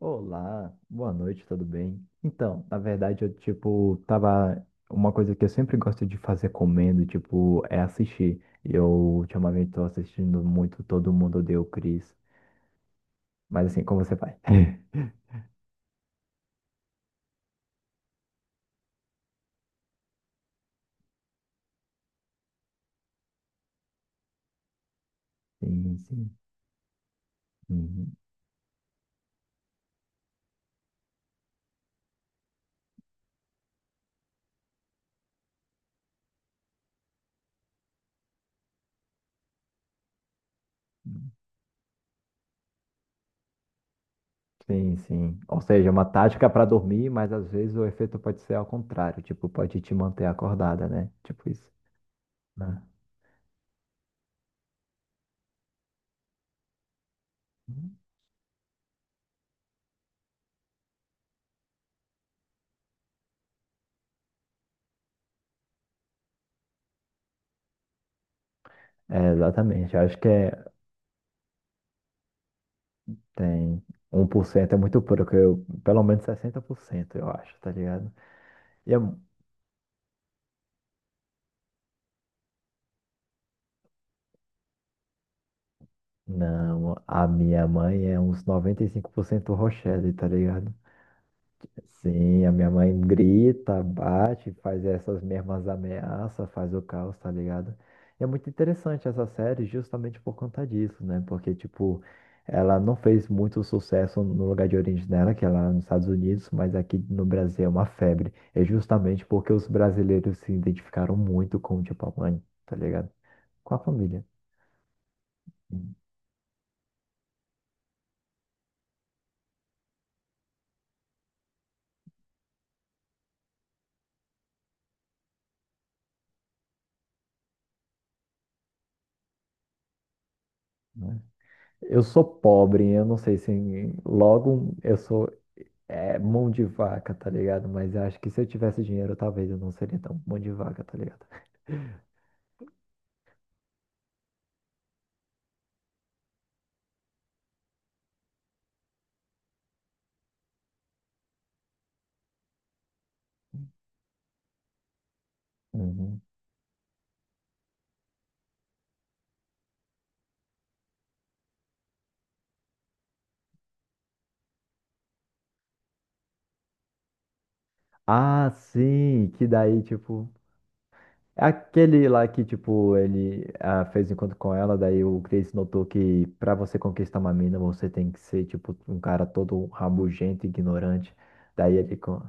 Olá, boa noite, tudo bem? Então, na verdade, eu, tipo, tava. Uma coisa que eu sempre gosto de fazer comendo, tipo, é assistir. Eu ultimamente tô assistindo muito Todo Mundo Odeia o Chris. Mas assim, como você vai? Sim, sim. Uhum. Sim, sim. Ou seja, é uma tática para dormir, mas às vezes o efeito pode ser ao contrário, tipo, pode te manter acordada, né? Tipo isso, né? É, exatamente. Eu acho que é. Tem. 1% é muito pouco, eu, pelo menos 60% eu acho, tá ligado? E a- não, a minha mãe é uns 95% Rochelle, tá ligado? Sim, a minha mãe grita, bate, faz essas mesmas ameaças, faz o caos, tá ligado? E é muito interessante essa série justamente por conta disso, né? Porque, tipo, ela não fez muito sucesso no lugar de origem dela, que é lá nos Estados Unidos, mas aqui no Brasil é uma febre. É justamente porque os brasileiros se identificaram muito com, tipo, a mãe, tá ligado? Com a família, né? Eu sou pobre, eu não sei se logo eu sou. É mão de vaca, tá ligado? Mas eu acho que se eu tivesse dinheiro, talvez eu não seria tão mão de vaca, tá ligado? Uhum. Ah, sim, que daí, tipo. É aquele lá que, tipo, ele fez um encontro com ela, daí o Chris notou que pra você conquistar uma mina, você tem que ser, tipo, um cara todo rabugento, ignorante. Daí ele. co-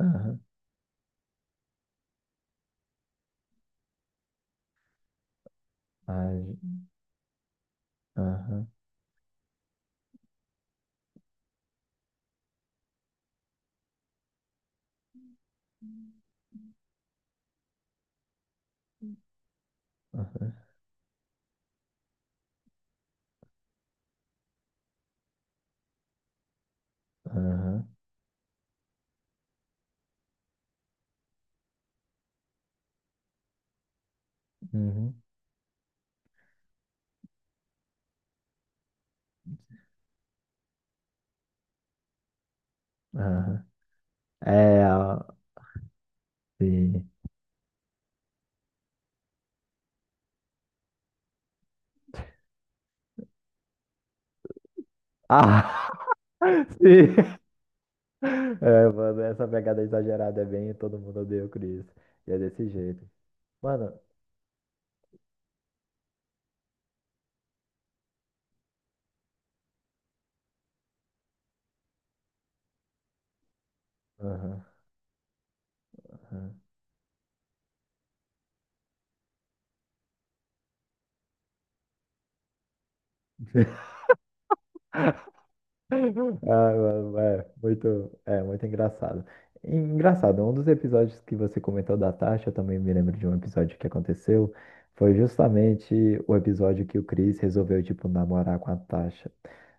Aham, aham, aham, aham, aham, uhum, aham. É, ah, sim. Ah, sim. Mano, essa pegada exagerada é bem, e todo mundo odeia o Chris. E é desse jeito. Mano, aham, aham. Ah, mano, é muito engraçado. E engraçado, um dos episódios que você comentou da Tasha, eu também me lembro de um episódio que aconteceu, foi justamente o episódio que o Chris resolveu, tipo, namorar com a Tasha.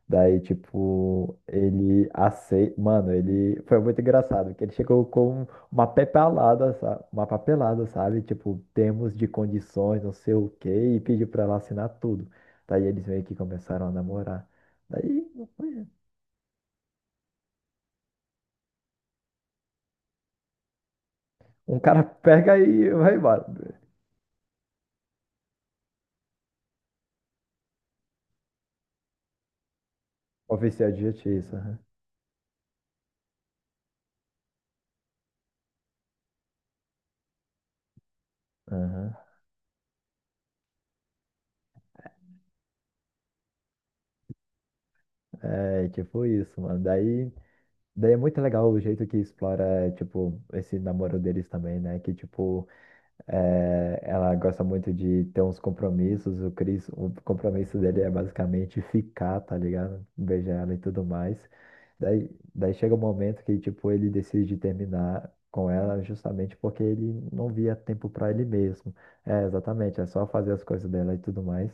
Daí, tipo, ele aceita. Mano, ele foi muito engraçado, porque ele chegou com uma papelada, sabe? Uma papelada, sabe? Tipo, termos de condições, não sei o quê, e pediu pra ela assinar tudo. Daí eles meio que começaram a namorar. Daí, um cara pega e vai embora. Oficial de justiça. Aham. Aham. É, tipo isso, mano. Daí é muito legal o jeito que explora, tipo, esse namoro deles também, né? Que, tipo. É, ela gosta muito de ter uns compromissos. O Chris, o compromisso dele é basicamente ficar, tá ligado? Beijar ela e tudo mais. Daí chega um momento que, tipo, ele decide terminar com ela justamente porque ele não via tempo pra ele mesmo. É, exatamente, é só fazer as coisas dela e tudo mais.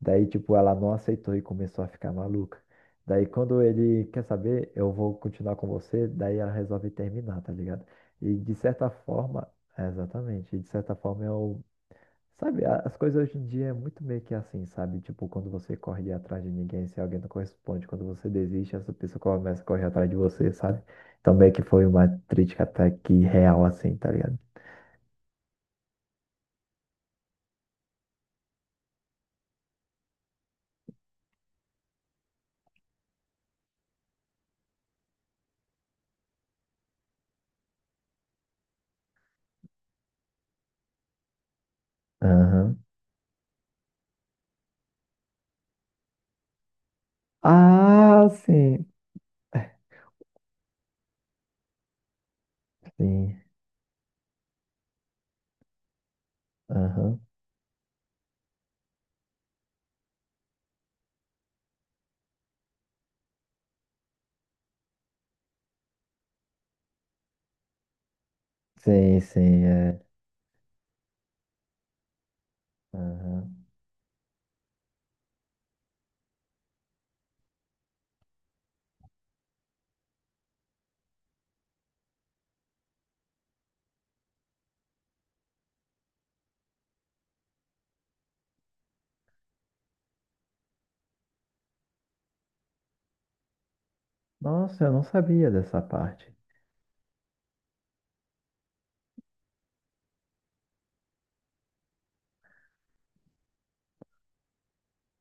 Daí, tipo, ela não aceitou e começou a ficar maluca. Daí, quando ele quer saber, eu vou continuar com você, daí ela resolve terminar, tá ligado? E de certa forma, é, exatamente. E de certa forma eu. Sabe, as coisas hoje em dia é muito meio que assim, sabe? Tipo, quando você corre atrás de ninguém, se alguém não corresponde, quando você desiste, essa pessoa começa a correr atrás de você, sabe? Então meio que foi uma crítica até que real, assim, tá ligado? Aham. Ah, sim. Sim. Aham. Sim, sim, é. Aham. Nossa, eu não sabia dessa parte.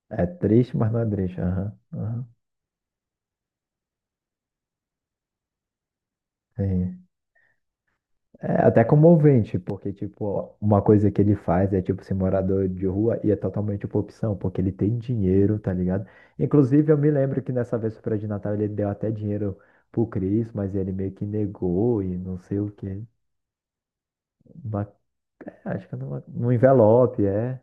É triste, mas não é triste. Aham. Aham. Sim. É até comovente, porque, tipo, uma coisa que ele faz é, tipo, ser morador de rua e é totalmente uma opção, porque ele tem dinheiro, tá ligado? Inclusive, eu me lembro que nessa véspera de Natal ele deu até dinheiro pro Chris, mas ele meio que negou e não sei o quê. Uma- É, acho que numa, num envelope, é.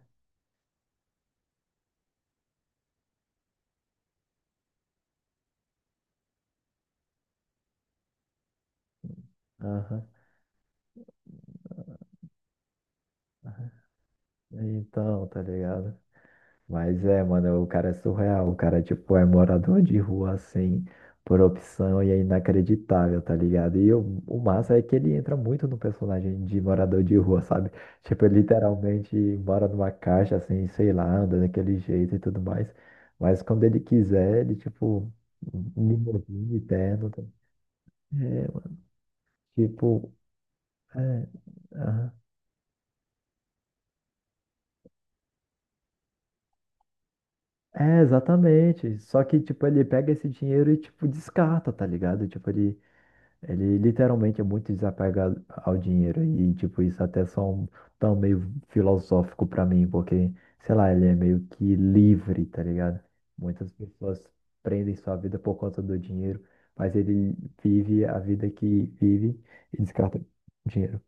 Aham. Então, tá ligado? Mas é, mano, o cara é surreal. O cara, tipo, é morador de rua, assim, por opção e é inacreditável, tá ligado? E o massa é que ele entra muito no personagem de morador de rua, sabe? Tipo, ele literalmente mora numa caixa, assim, sei lá, anda daquele jeito e tudo mais. Mas quando ele quiser, ele, tipo, limousine, terno. É, mano, tipo, é, aham. É, exatamente. Só que, tipo, ele pega esse dinheiro e, tipo, descarta, tá ligado? Tipo, ele literalmente é muito desapegado ao dinheiro e, tipo, isso até é só um tão meio filosófico pra mim, porque, sei lá, ele é meio que livre, tá ligado? Muitas pessoas prendem sua vida por conta do dinheiro, mas ele vive a vida que vive e descarta dinheiro.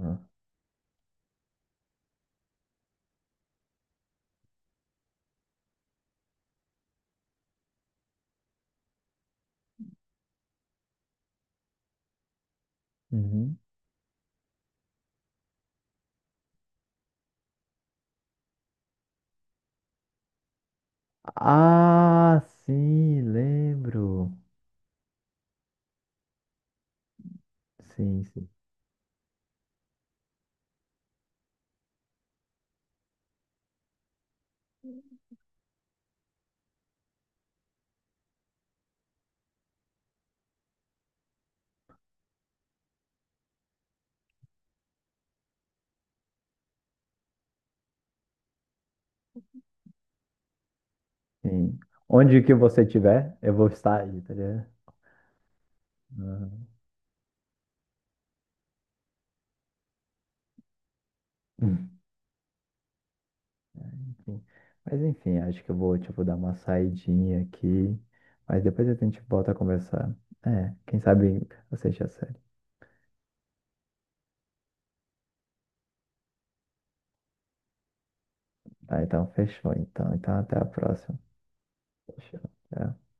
Ah, uhum. Ah, sim, lembro. Sim, sim, sim. Onde que você estiver, eu vou estar aí, tá ligado? Uhum. Enfim. Mas enfim, acho que eu vou, tipo, dar uma saidinha aqui. Mas depois a gente volta a conversar. É, quem sabe assiste a série. Tá, então fechou, então. Então até a próxima. Fechou. Tchau.